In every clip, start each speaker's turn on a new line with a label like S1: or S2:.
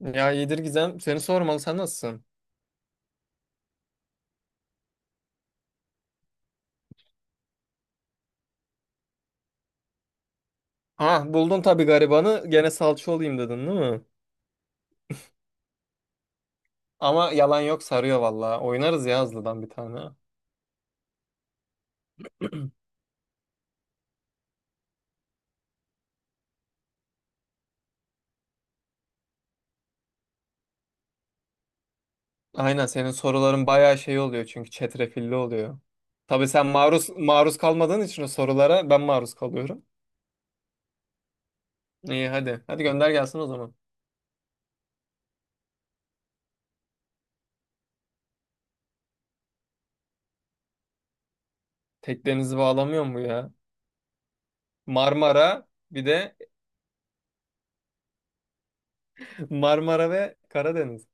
S1: Ya iyidir Gizem. Seni sormalı. Sen nasılsın? Ha buldun tabii garibanı. Gene salça olayım dedin değil mi? Ama yalan yok sarıyor valla. Oynarız ya hızlıdan bir tane. Aynen senin soruların bayağı şey oluyor çünkü çetrefilli oluyor. Tabii sen maruz kalmadığın için o sorulara ben maruz kalıyorum. İyi hadi. Hadi gönder gelsin o zaman. Teklerinizi bağlamıyor mu ya? Marmara bir de Marmara ve Karadeniz.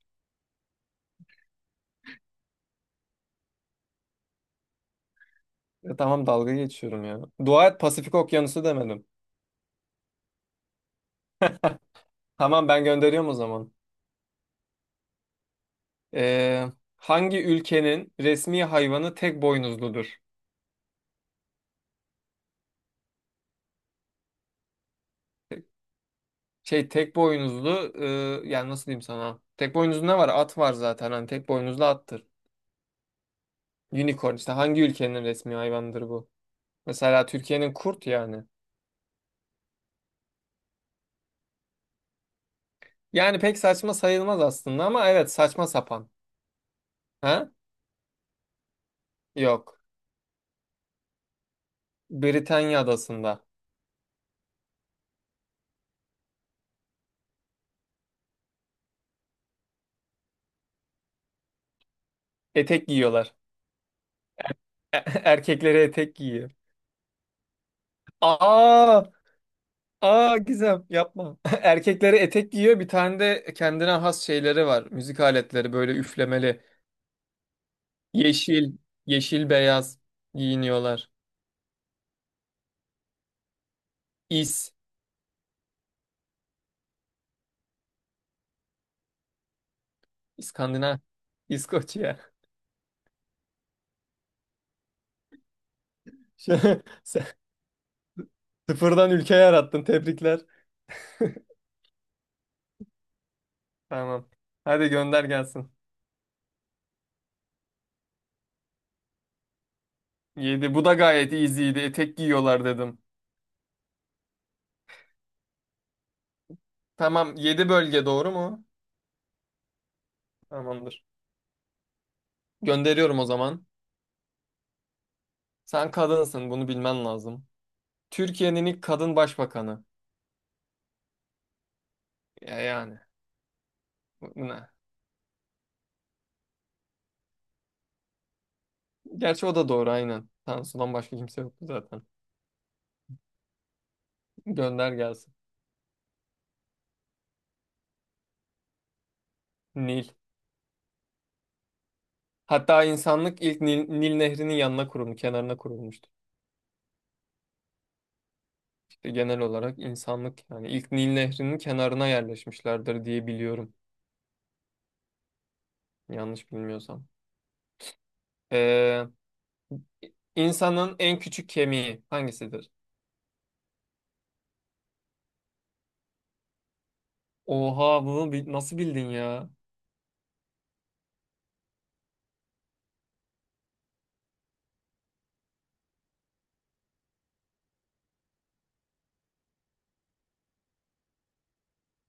S1: Ya tamam dalga geçiyorum ya. Dua et Pasifik Okyanusu demedim. Tamam ben gönderiyorum o zaman. Ee, hangi ülkenin resmi hayvanı tek boynuzludur? Şey tek boynuzlu, yani nasıl diyeyim sana? Tek boynuzlu ne var? At var zaten. Hani tek boynuzlu attır. Unicorn işte hangi ülkenin resmi hayvanıdır bu? Mesela Türkiye'nin kurt yani. Yani pek saçma sayılmaz aslında ama evet saçma sapan. Ha? Yok. Britanya adasında. Etek giyiyorlar. Erkekleri etek giyiyor. Aa! Aa Gizem yapma. Erkekleri etek giyiyor. Bir tane de kendine has şeyleri var. Müzik aletleri böyle üflemeli. Yeşil, yeşil beyaz giyiniyorlar. İs, İskandinav, İskoçya. Şey, sen sıfırdan ülke yarattın. Tebrikler. Tamam. Hadi gönder gelsin. Yedi. Bu da gayet easy'ydi. Etek giyiyorlar dedim. Tamam. Yedi bölge doğru mu? Tamamdır. Gönderiyorum o zaman. Sen kadınsın. Bunu bilmen lazım. Türkiye'nin ilk kadın başbakanı. Ya yani. Ne? Gerçi o da doğru aynen. Tansu'dan başka kimse yoktu zaten. Gönder gelsin. Nil. Hatta insanlık ilk Nil Nehri'nin yanına kurulmuş, kenarına kurulmuştu. İşte genel olarak insanlık yani ilk Nil Nehri'nin kenarına yerleşmişlerdir diye biliyorum. Yanlış bilmiyorsam. Ee, insanın en küçük kemiği hangisidir? Oha bunu nasıl bildin ya?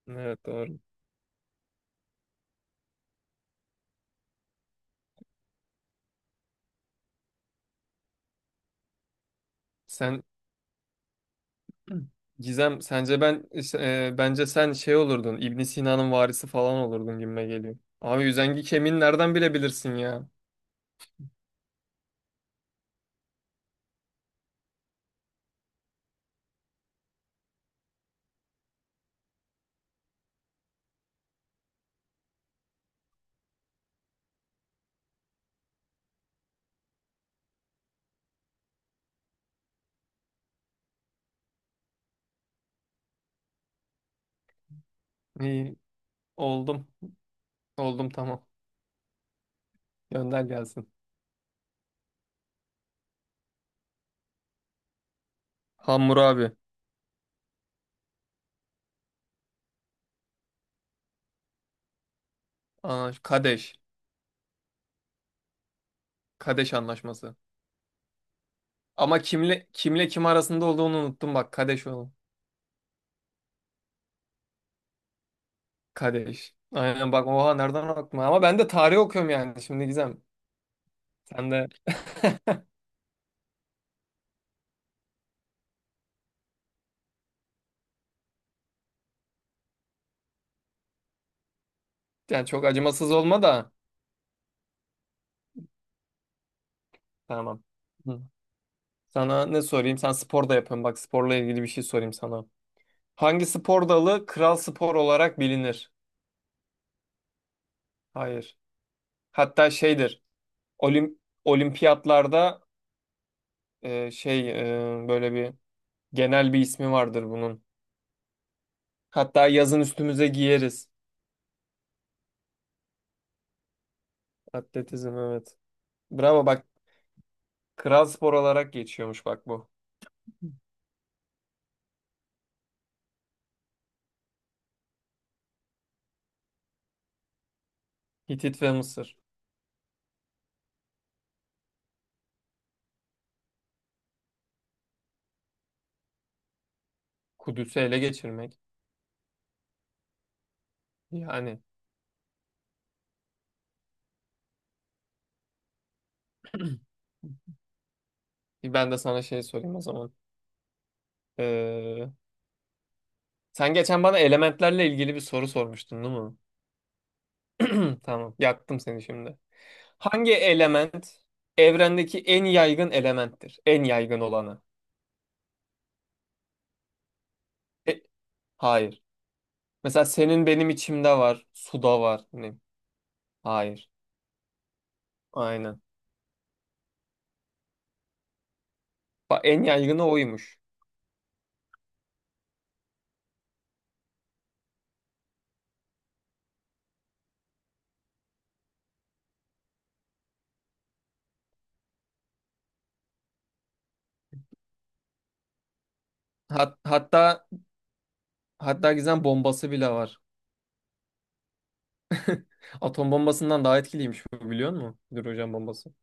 S1: Evet, doğru. Sen Gizem sence ben işte, bence sen şey olurdun, İbn Sina'nın varisi falan olurdun gibime geliyor. Abi üzengi kemiğini nereden bilebilirsin ya? İyi oldum. Oldum, tamam. Gönder gelsin. Hammurabi. Aa, Kadeş. Kadeş anlaşması. Ama kim arasında olduğunu unuttum bak, Kadeş oğlum. Kadeş. Aynen bak, oha nereden aklıma, ama ben de tarih okuyorum yani şimdi Gizem. Sen de yani çok acımasız olma da. Tamam. Hı. Sana ne sorayım? Sen spor da yapıyorsun. Bak, sporla ilgili bir şey sorayım sana. Hangi spor dalı kral spor olarak bilinir? Hayır. Hatta şeydir. Olim olimpiyatlarda şey, böyle bir genel bir ismi vardır bunun. Hatta yazın üstümüze giyeriz. Atletizm, evet. Bravo bak, kral spor olarak geçiyormuş bak bu. Hitit ve Mısır. Kudüs'ü ele geçirmek. Yani ben de sana şey sorayım o zaman. Sen geçen bana elementlerle ilgili bir soru sormuştun, değil mi? Tamam, yaktım seni şimdi. Hangi element evrendeki en yaygın elementtir? En yaygın olanı. E, hayır. Mesela senin, benim içimde var, suda var. Ne? Hayır. Aynen. Bak, en yaygını oymuş. Hat- hatta hatta Gizem bombası bile var. Atom bombasından daha etkiliymiş bu, biliyor musun? Hidrojen bombası.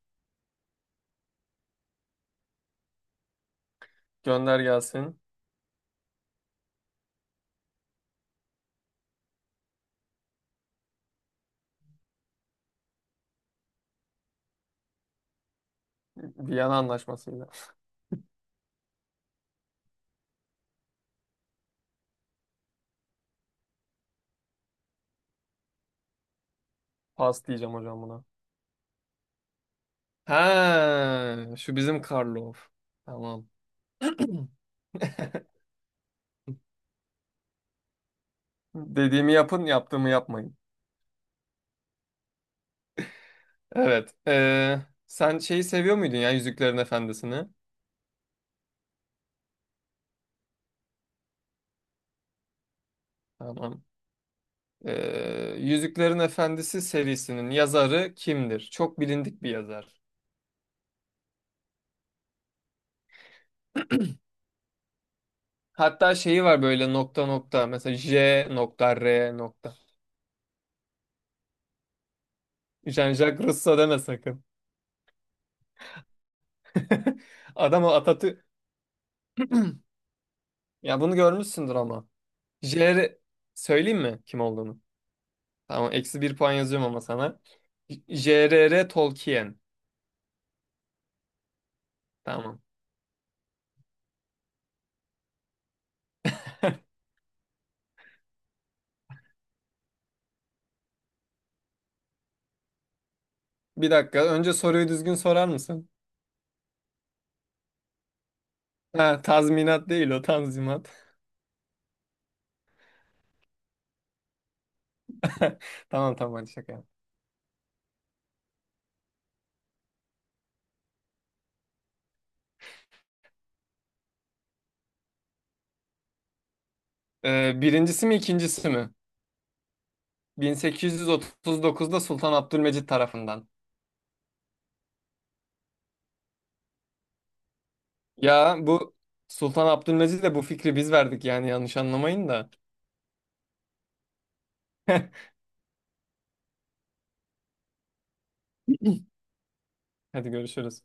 S1: Gönder gelsin. Viyana anlaşmasıyla. Pas diyeceğim hocam buna. Ha, şu bizim Karlov. Tamam. Dediğimi yapın, yaptığımı yapmayın. Evet. Sen şeyi seviyor muydun ya, Yüzüklerin Efendisi'ni? Tamam. Yüzüklerin Efendisi serisinin yazarı kimdir? Çok bilindik bir yazar. Hatta şeyi var, böyle nokta nokta. Mesela J nokta R nokta. Jean-Jacques Rousseau deme sakın. Adam o, Atatürk. Ya bunu görmüşsündür ama. JR, söyleyeyim mi kim olduğunu? Tamam, eksi bir puan yazıyorum ama sana. J.R.R. Tolkien. Tamam. Bir dakika, önce soruyu düzgün sorar mısın? Ha, tazminat değil o, tanzimat. Tamam, tamam, hadi şaka yap. Birincisi mi ikincisi mi? 1839'da Sultan Abdülmecit tarafından. Ya bu Sultan Abdülmecit'le bu fikri biz verdik, yani yanlış anlamayın da. Hadi görüşürüz.